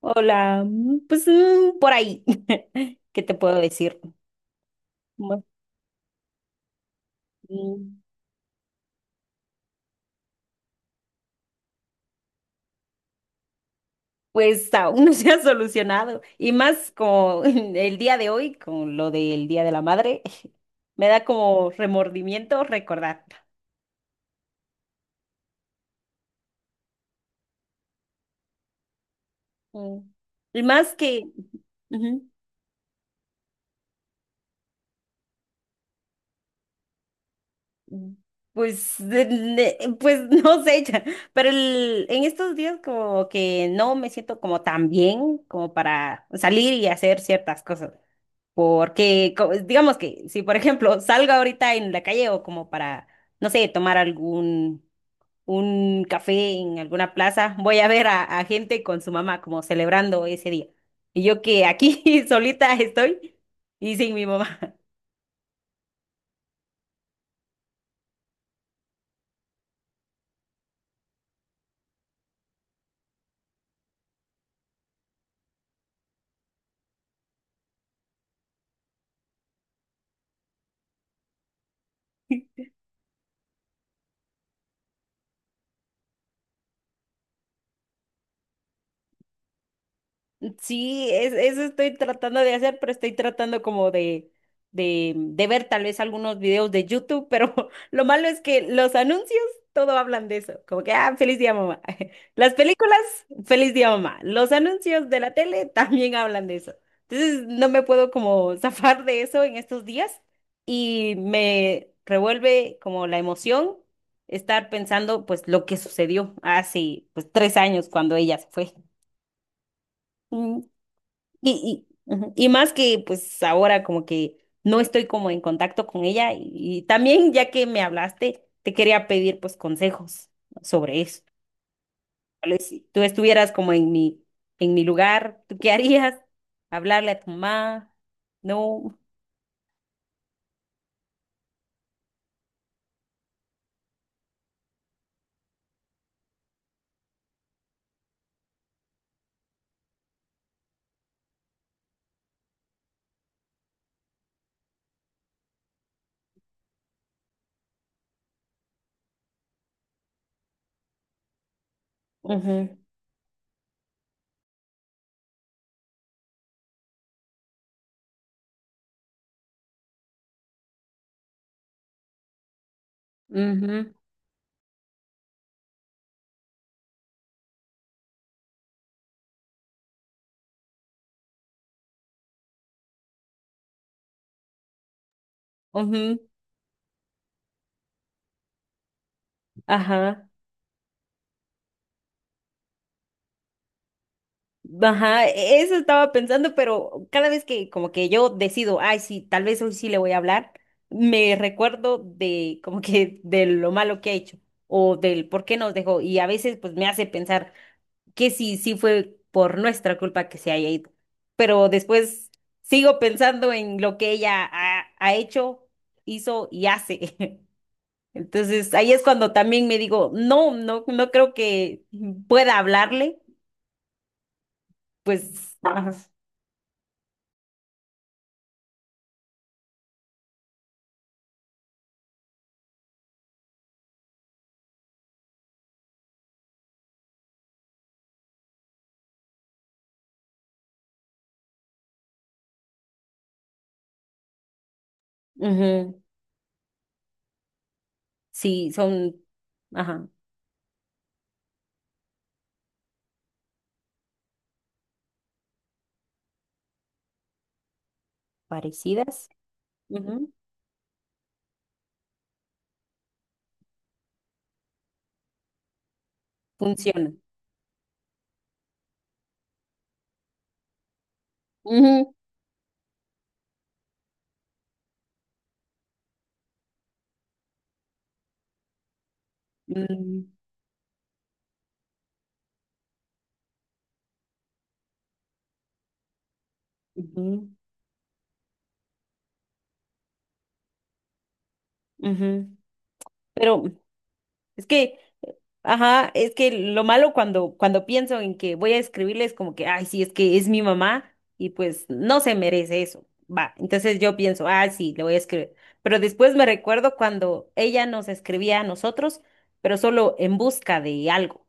Hola, pues por ahí. ¿Qué te puedo decir? Bueno, mm, Pues aún no se ha solucionado. Y más como el día de hoy, con lo del Día de la Madre, me da como remordimiento recordar. Mm. Y más que, ujú, mm, pues, pues no sé, ya, pero en estos días como que no me siento como tan bien como para salir y hacer ciertas cosas. Porque, digamos que si, por ejemplo, salgo ahorita en la calle o como para, no sé, tomar algún un café en alguna plaza, voy a ver a gente con su mamá como celebrando ese día. Y yo que aquí solita estoy y sin mi mamá. Sí, eso estoy tratando de hacer, pero estoy tratando como de, ver tal vez algunos videos de YouTube, pero lo malo es que los anuncios todo hablan de eso, como que, ah, feliz día mamá. Las películas, feliz día mamá. Los anuncios de la tele también hablan de eso. Entonces no me puedo como zafar de eso en estos días y me revuelve como la emoción estar pensando pues lo que sucedió hace pues 3 años cuando ella se fue. Mm. Y, ujú, y más que pues ahora como que no estoy como en contacto con ella y también ya que me hablaste, te quería pedir pues consejos sobre eso. Tal vez si tú estuvieras como en mi lugar, ¿tú qué harías? ¿Hablarle a tu mamá? No. Ujú, ujú, ujú, ajá. Ajá, eso estaba pensando, pero cada vez que como que yo decido, ay, sí, tal vez hoy sí le voy a hablar, me recuerdo de como que de lo malo que ha hecho o del por qué nos dejó y a veces pues me hace pensar que sí, sí fue por nuestra culpa que se haya ido, pero después sigo pensando en lo que ella ha hecho, hizo y hace. Entonces ahí es cuando también me digo, no, no, no creo que pueda hablarle, pues... ajá. Ujú. Sí, son, ajá, parecidas. Ujú, funcionan. Ujú, mm, ujú, ujú. Pero es que... Ajá, es que lo malo cuando pienso en que voy a escribirles como que, ay, sí, es que es mi mamá y pues no se merece eso. Va, entonces yo pienso, ah, sí, le voy a escribir. Pero después me recuerdo cuando ella nos escribía a nosotros, pero solo en busca de algo.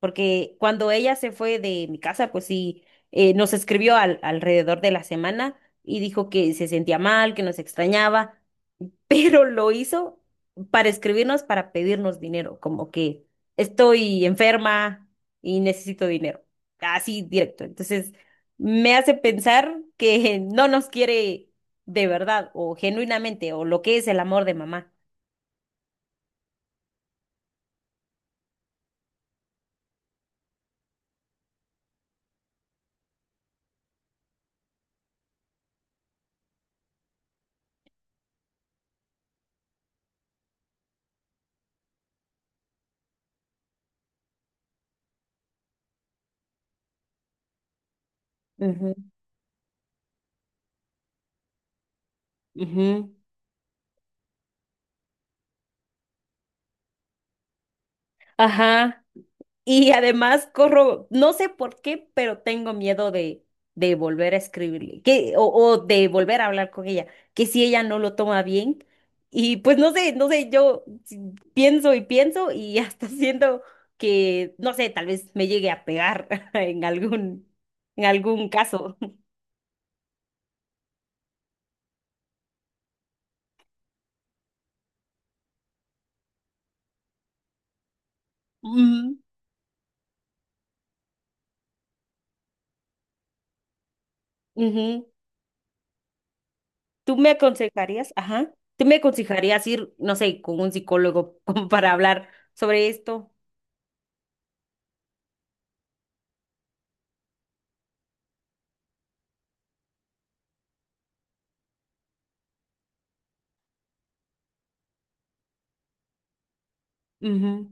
Porque cuando ella se fue de mi casa, pues sí, nos escribió alrededor de la semana y dijo que se sentía mal, que nos extrañaba pero lo hizo para escribirnos, para pedirnos dinero, como que estoy enferma y necesito dinero, así directo. Entonces, me hace pensar que no nos quiere de verdad o genuinamente o lo que es el amor de mamá. Ujú, ujú. Ajá. Y además corro, no sé por qué, pero tengo miedo de volver a escribirle, que, o de volver a hablar con ella, que si ella no lo toma bien, y pues no sé, yo pienso y pienso y hasta siento que, no sé, tal vez me llegue a pegar en algún, en algún caso. Ujú, ujú. ¿Tú me aconsejarías? Ajá. ¿Tú me aconsejarías ir, no sé, con un psicólogo como para hablar sobre esto? Ujú,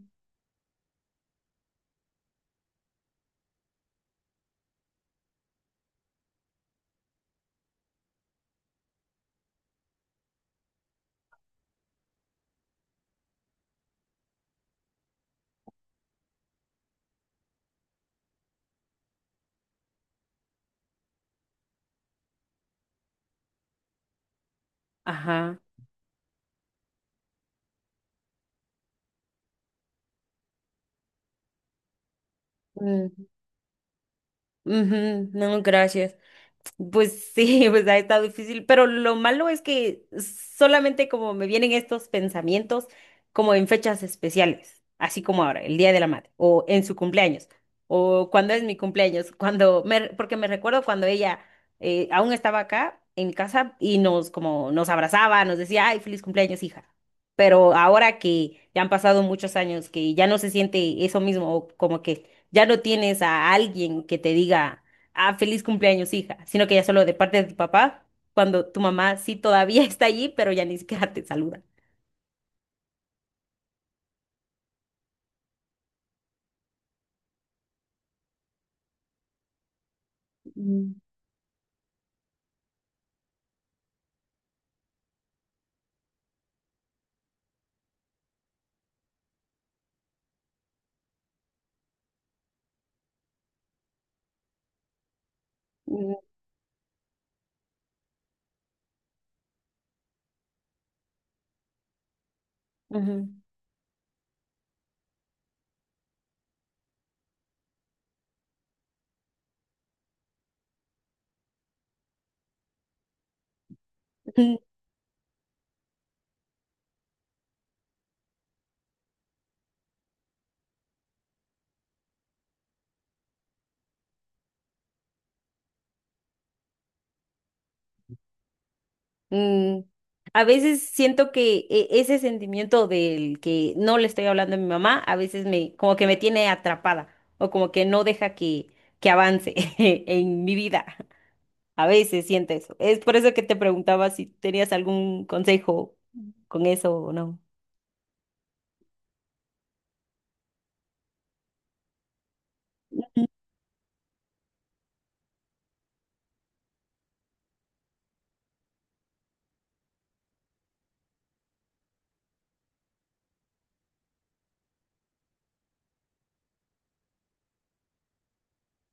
ajá. Ujú. No, gracias. Pues sí, pues ha estado difícil, pero lo malo es que solamente como me vienen estos pensamientos como en fechas especiales, así como ahora, el Día de la Madre, o en su cumpleaños, o cuando es mi cumpleaños, cuando me, porque me recuerdo cuando ella aún estaba acá en mi casa y nos como nos abrazaba, nos decía, ay, feliz cumpleaños, hija. Pero ahora que ya han pasado muchos años, que ya no se siente eso mismo, o como que ya no tienes a alguien que te diga ah, feliz cumpleaños, hija, sino que ya solo de parte de tu papá, cuando tu mamá sí todavía está allí, pero ya ni siquiera te saluda. Mm. Mm, ujú, ujú, mm. A veces siento que ese sentimiento del que no le estoy hablando a mi mamá, a veces me, como que me tiene atrapada o como que no deja que, avance en mi vida. A veces siento eso. Es por eso que te preguntaba si tenías algún consejo con eso o no.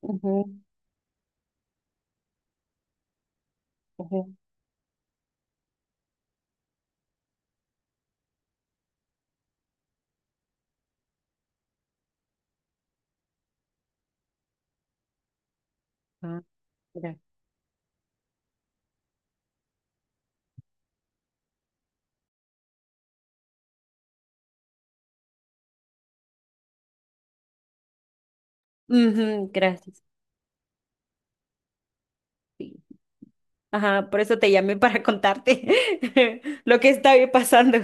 Ujú, ujú. Ah, mira. Ujú, gracias. Sí. Ajá, por eso te llamé para contarte lo que está pasando.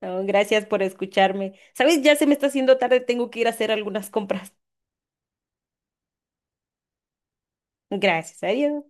No, gracias por escucharme. ¿Sabes? Ya se me está haciendo tarde, tengo que ir a hacer algunas compras. Gracias, adiós.